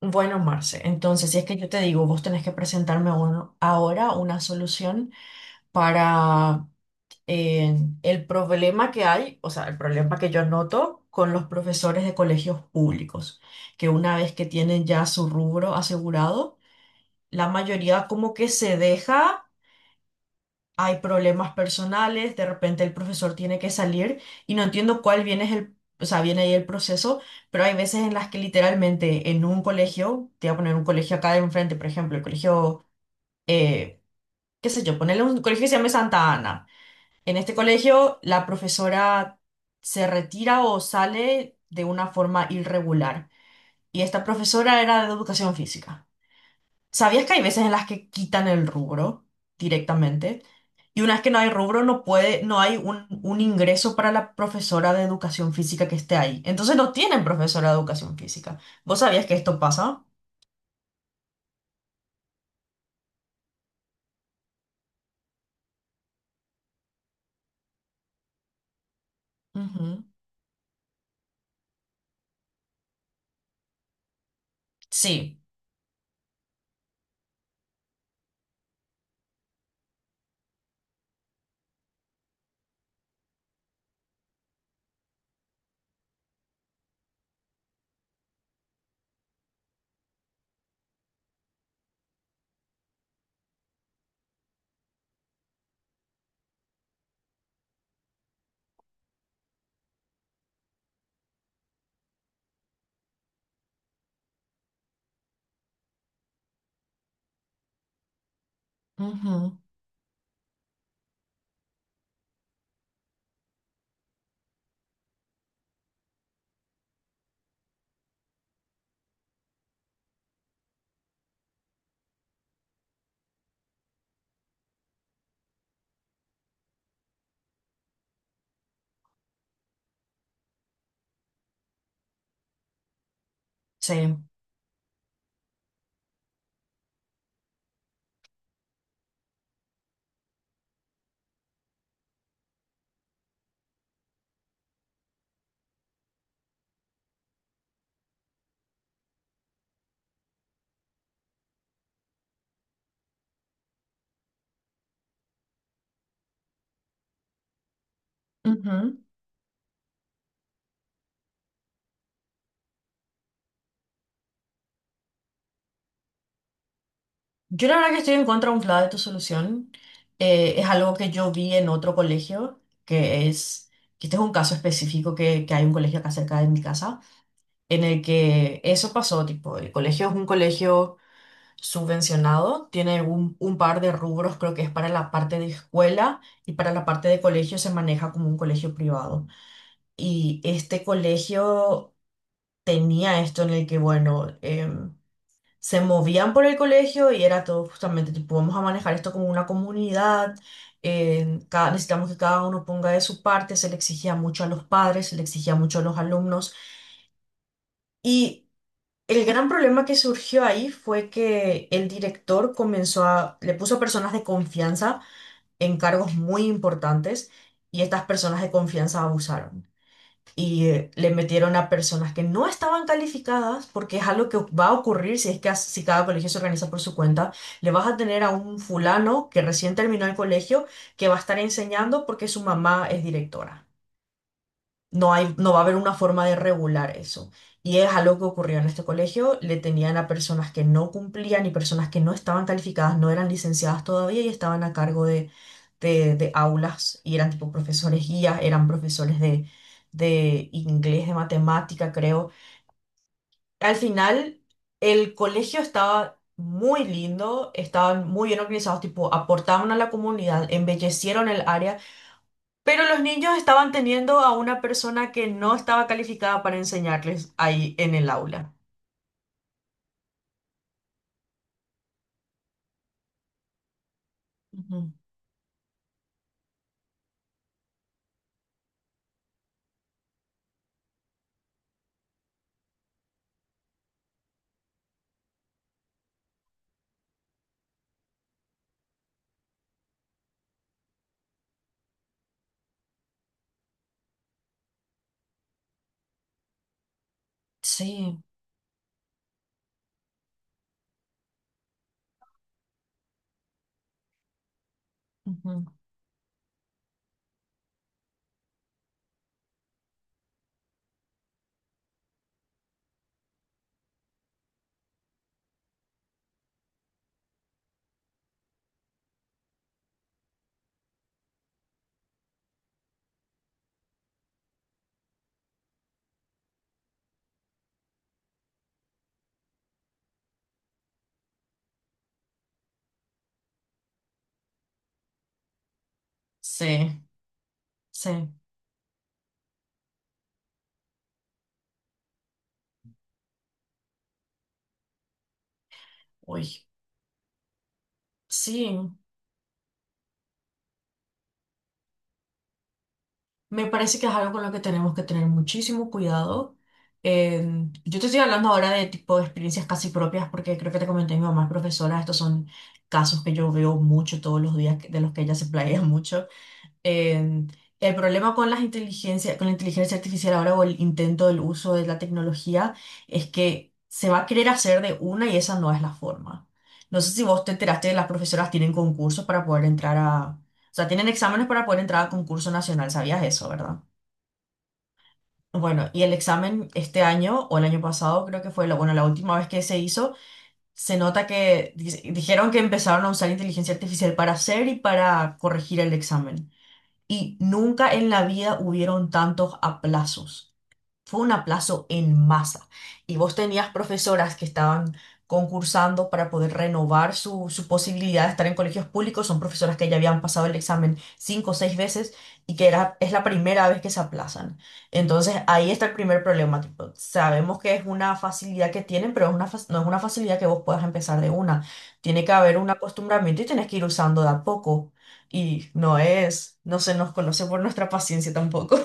Bueno, Marce, entonces si es que yo te digo, vos tenés que presentarme ahora una solución para eh, el problema que hay, o sea, el problema que yo noto con los profesores de colegios públicos, que una vez que tienen ya su rubro asegurado, la mayoría como que se deja, hay problemas personales, de repente el profesor tiene que salir y no entiendo cuál viene, o sea, viene ahí el proceso, pero hay veces en las que literalmente en un colegio, te voy a poner un colegio acá de enfrente, por ejemplo, el colegio, eh, qué sé yo, ponerle un colegio que se llame Santa Ana. En este colegio la profesora se retira o sale de una forma irregular y esta profesora era de educación física. ¿Sabías que hay veces en las que quitan el rubro directamente? Y una vez que no hay rubro, no puede, no hay un ingreso para la profesora de educación física que esté ahí. Entonces no tienen profesora de educación física. ¿Vos sabías que esto pasa? Ujú. Sí. Ujú. Sí. Ujú. Yo la verdad que estoy en contra un de tu solución. Es algo que yo vi en otro colegio, que este es un caso específico que hay un colegio acá cerca de mi casa en el que eso pasó, tipo, el colegio es un colegio subvencionado, tiene un par de rubros, creo que es para la parte de escuela, y para la parte de colegio se maneja como un colegio privado. Y este colegio tenía esto en el que, bueno, se movían por el colegio y era todo justamente, tipo, vamos a manejar esto como una comunidad. Necesitamos que cada uno ponga de su parte, se le exigía mucho a los padres, se le exigía mucho a los alumnos. Y el gran problema que surgió ahí fue que el director comenzó le puso personas de confianza en cargos muy importantes y estas personas de confianza abusaron. Y le metieron a personas que no estaban calificadas, porque es algo que va a ocurrir si es que, si cada colegio se organiza por su cuenta. Le vas a tener a un fulano que recién terminó el colegio que va a estar enseñando porque su mamá es directora. No hay, no va a haber una forma de regular eso. Y es algo que ocurrió en este colegio. Le tenían a personas que no cumplían y personas que no estaban calificadas, no eran licenciadas todavía y estaban a cargo de aulas, y eran tipo profesores guías, eran profesores de inglés, de matemática, creo. Al final, el colegio estaba muy lindo, estaban muy bien organizados, tipo aportaban a la comunidad, embellecieron el área, pero los niños estaban teniendo a una persona que no estaba calificada para enseñarles ahí en el aula. Ujú. Sí, ujú. Sí, sí, uy, sí, me parece que es algo con lo que tenemos que tener muchísimo cuidado. Eh, yo te estoy hablando ahora de tipo de experiencias casi propias, porque creo que te comenté, mi mamá es profesora, estos son casos que yo veo mucho todos los días, de los que ella se playa mucho. Eh, el problema con la inteligencia artificial ahora, o el intento del uso de la tecnología, es que se va a querer hacer de una y esa no es la forma. No sé si vos te enteraste, las profesoras tienen concursos para poder entrar a, o sea, tienen exámenes para poder entrar a concurso nacional, ¿sabías eso, verdad? Bueno, y el examen este año o el año pasado, creo que fue la, bueno, la última vez que se hizo, se nota dijeron que empezaron a usar inteligencia artificial para hacer y para corregir el examen, y nunca en la vida hubieron tantos aplazos. Fue un aplazo en masa. Y vos tenías profesoras que estaban concursando para poder renovar su posibilidad de estar en colegios públicos. Son profesoras que ya habían pasado el examen 5 o 6 veces y que era, es la primera vez que se aplazan. Entonces ahí está el primer problema. Tipo, sabemos que es una facilidad que tienen, pero no es una facilidad que vos puedas empezar de una. Tiene que haber un acostumbramiento y tenés que ir usando de a poco. Y no es, no se nos conoce por nuestra paciencia tampoco.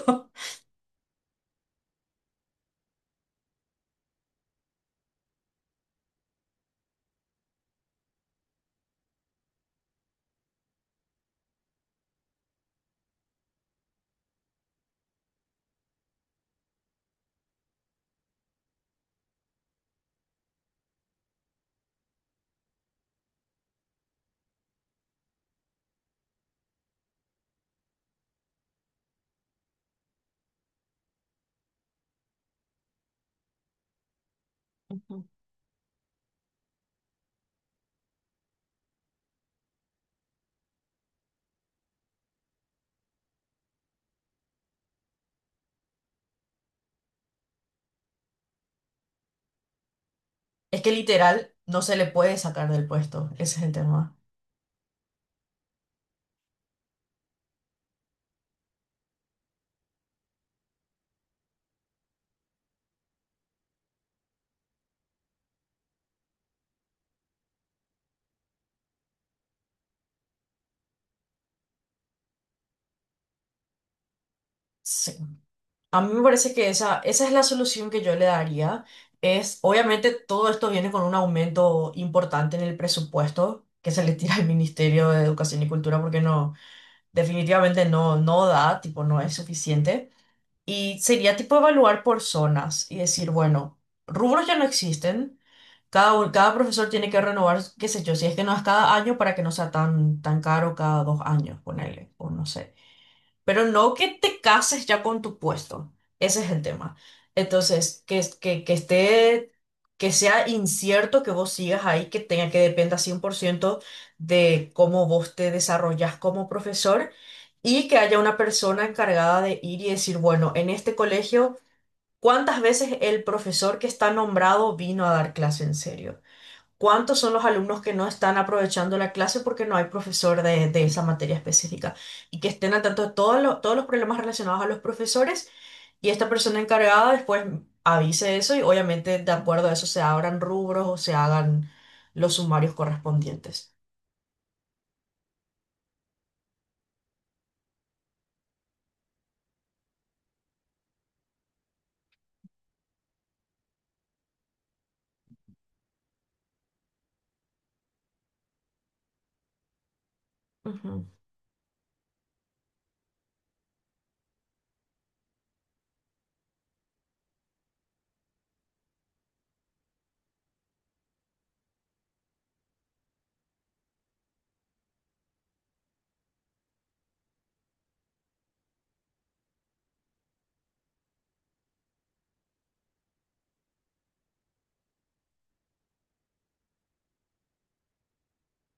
Es que literal no se le puede sacar del puesto, ese es el tema. Sí. A mí me parece que esa es la solución que yo le daría. Es, obviamente, todo esto viene con un aumento importante en el presupuesto que se le tira al Ministerio de Educación y Cultura, porque no, definitivamente no, no da, tipo, no es suficiente. Y sería tipo evaluar por zonas y decir, bueno, rubros ya no existen. Cada profesor tiene que renovar, qué sé yo, si es que no es cada año, para que no sea tan, tan caro, cada 2 años, ponele, o no sé. Pero no que te cases ya con tu puesto, ese es el tema. Entonces, que esté, que sea incierto que vos sigas ahí, que tenga que dependa 100% de cómo vos te desarrollas como profesor, y que haya una persona encargada de ir y decir, bueno, en este colegio, ¿cuántas veces el profesor que está nombrado vino a dar clase en serio? ¿Cuántos son los alumnos que no están aprovechando la clase porque no hay profesor de esa materia específica? Y que estén al tanto de todos los problemas relacionados a los profesores, y esta persona encargada después avise eso, y obviamente de acuerdo a eso se abran rubros o se hagan los sumarios correspondientes. Ujú.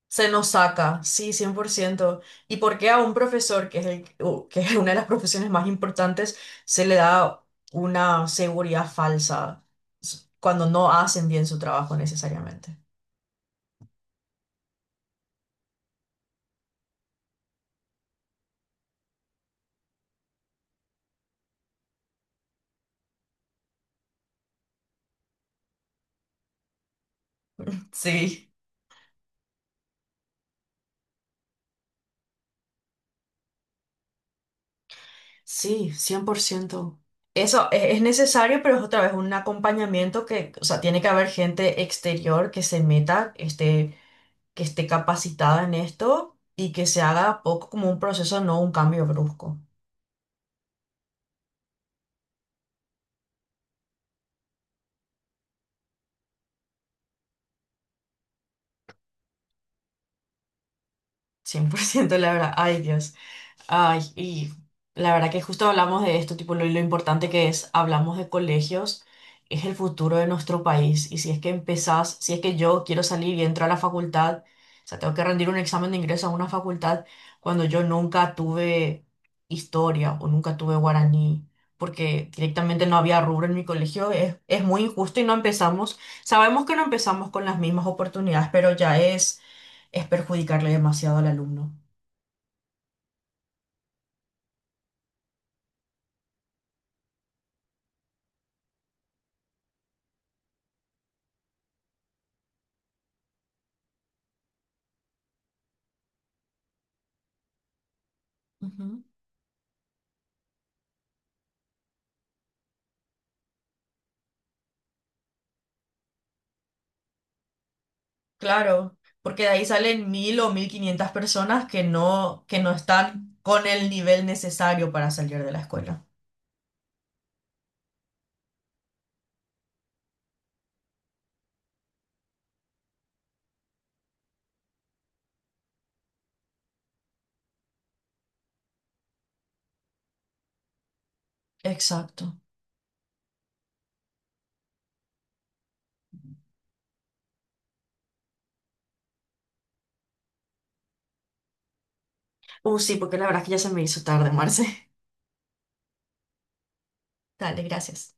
Se nos saca, sí, 100%. ¿Y por qué a un profesor, que es una de las profesiones más importantes, se le da una seguridad falsa cuando no hacen bien su trabajo necesariamente? Sí. Sí, 100%. Eso es necesario, pero es otra vez un acompañamiento que, o sea, tiene que haber gente exterior que se meta, este, que esté capacitada en esto y que se haga poco como un proceso, no un cambio brusco. 100%, la verdad. Ay, Dios. Ay, y la verdad que justo hablamos de esto, tipo lo importante que es, hablamos de colegios, es el futuro de nuestro país. Y si es que empezás, si es que yo quiero salir y entro a la facultad, o sea, tengo que rendir un examen de ingreso a una facultad cuando yo nunca tuve historia o nunca tuve guaraní, porque directamente no había rubro en mi colegio, es muy injusto, y no empezamos, sabemos que no empezamos con las mismas oportunidades, pero ya es perjudicarle demasiado al alumno. Ujú. Claro, porque de ahí salen 1.000 o 1.500 personas que no están con el nivel necesario para salir de la escuela. Exacto. Sí, porque la verdad es que ya se me hizo tarde, Marce. Dale, gracias.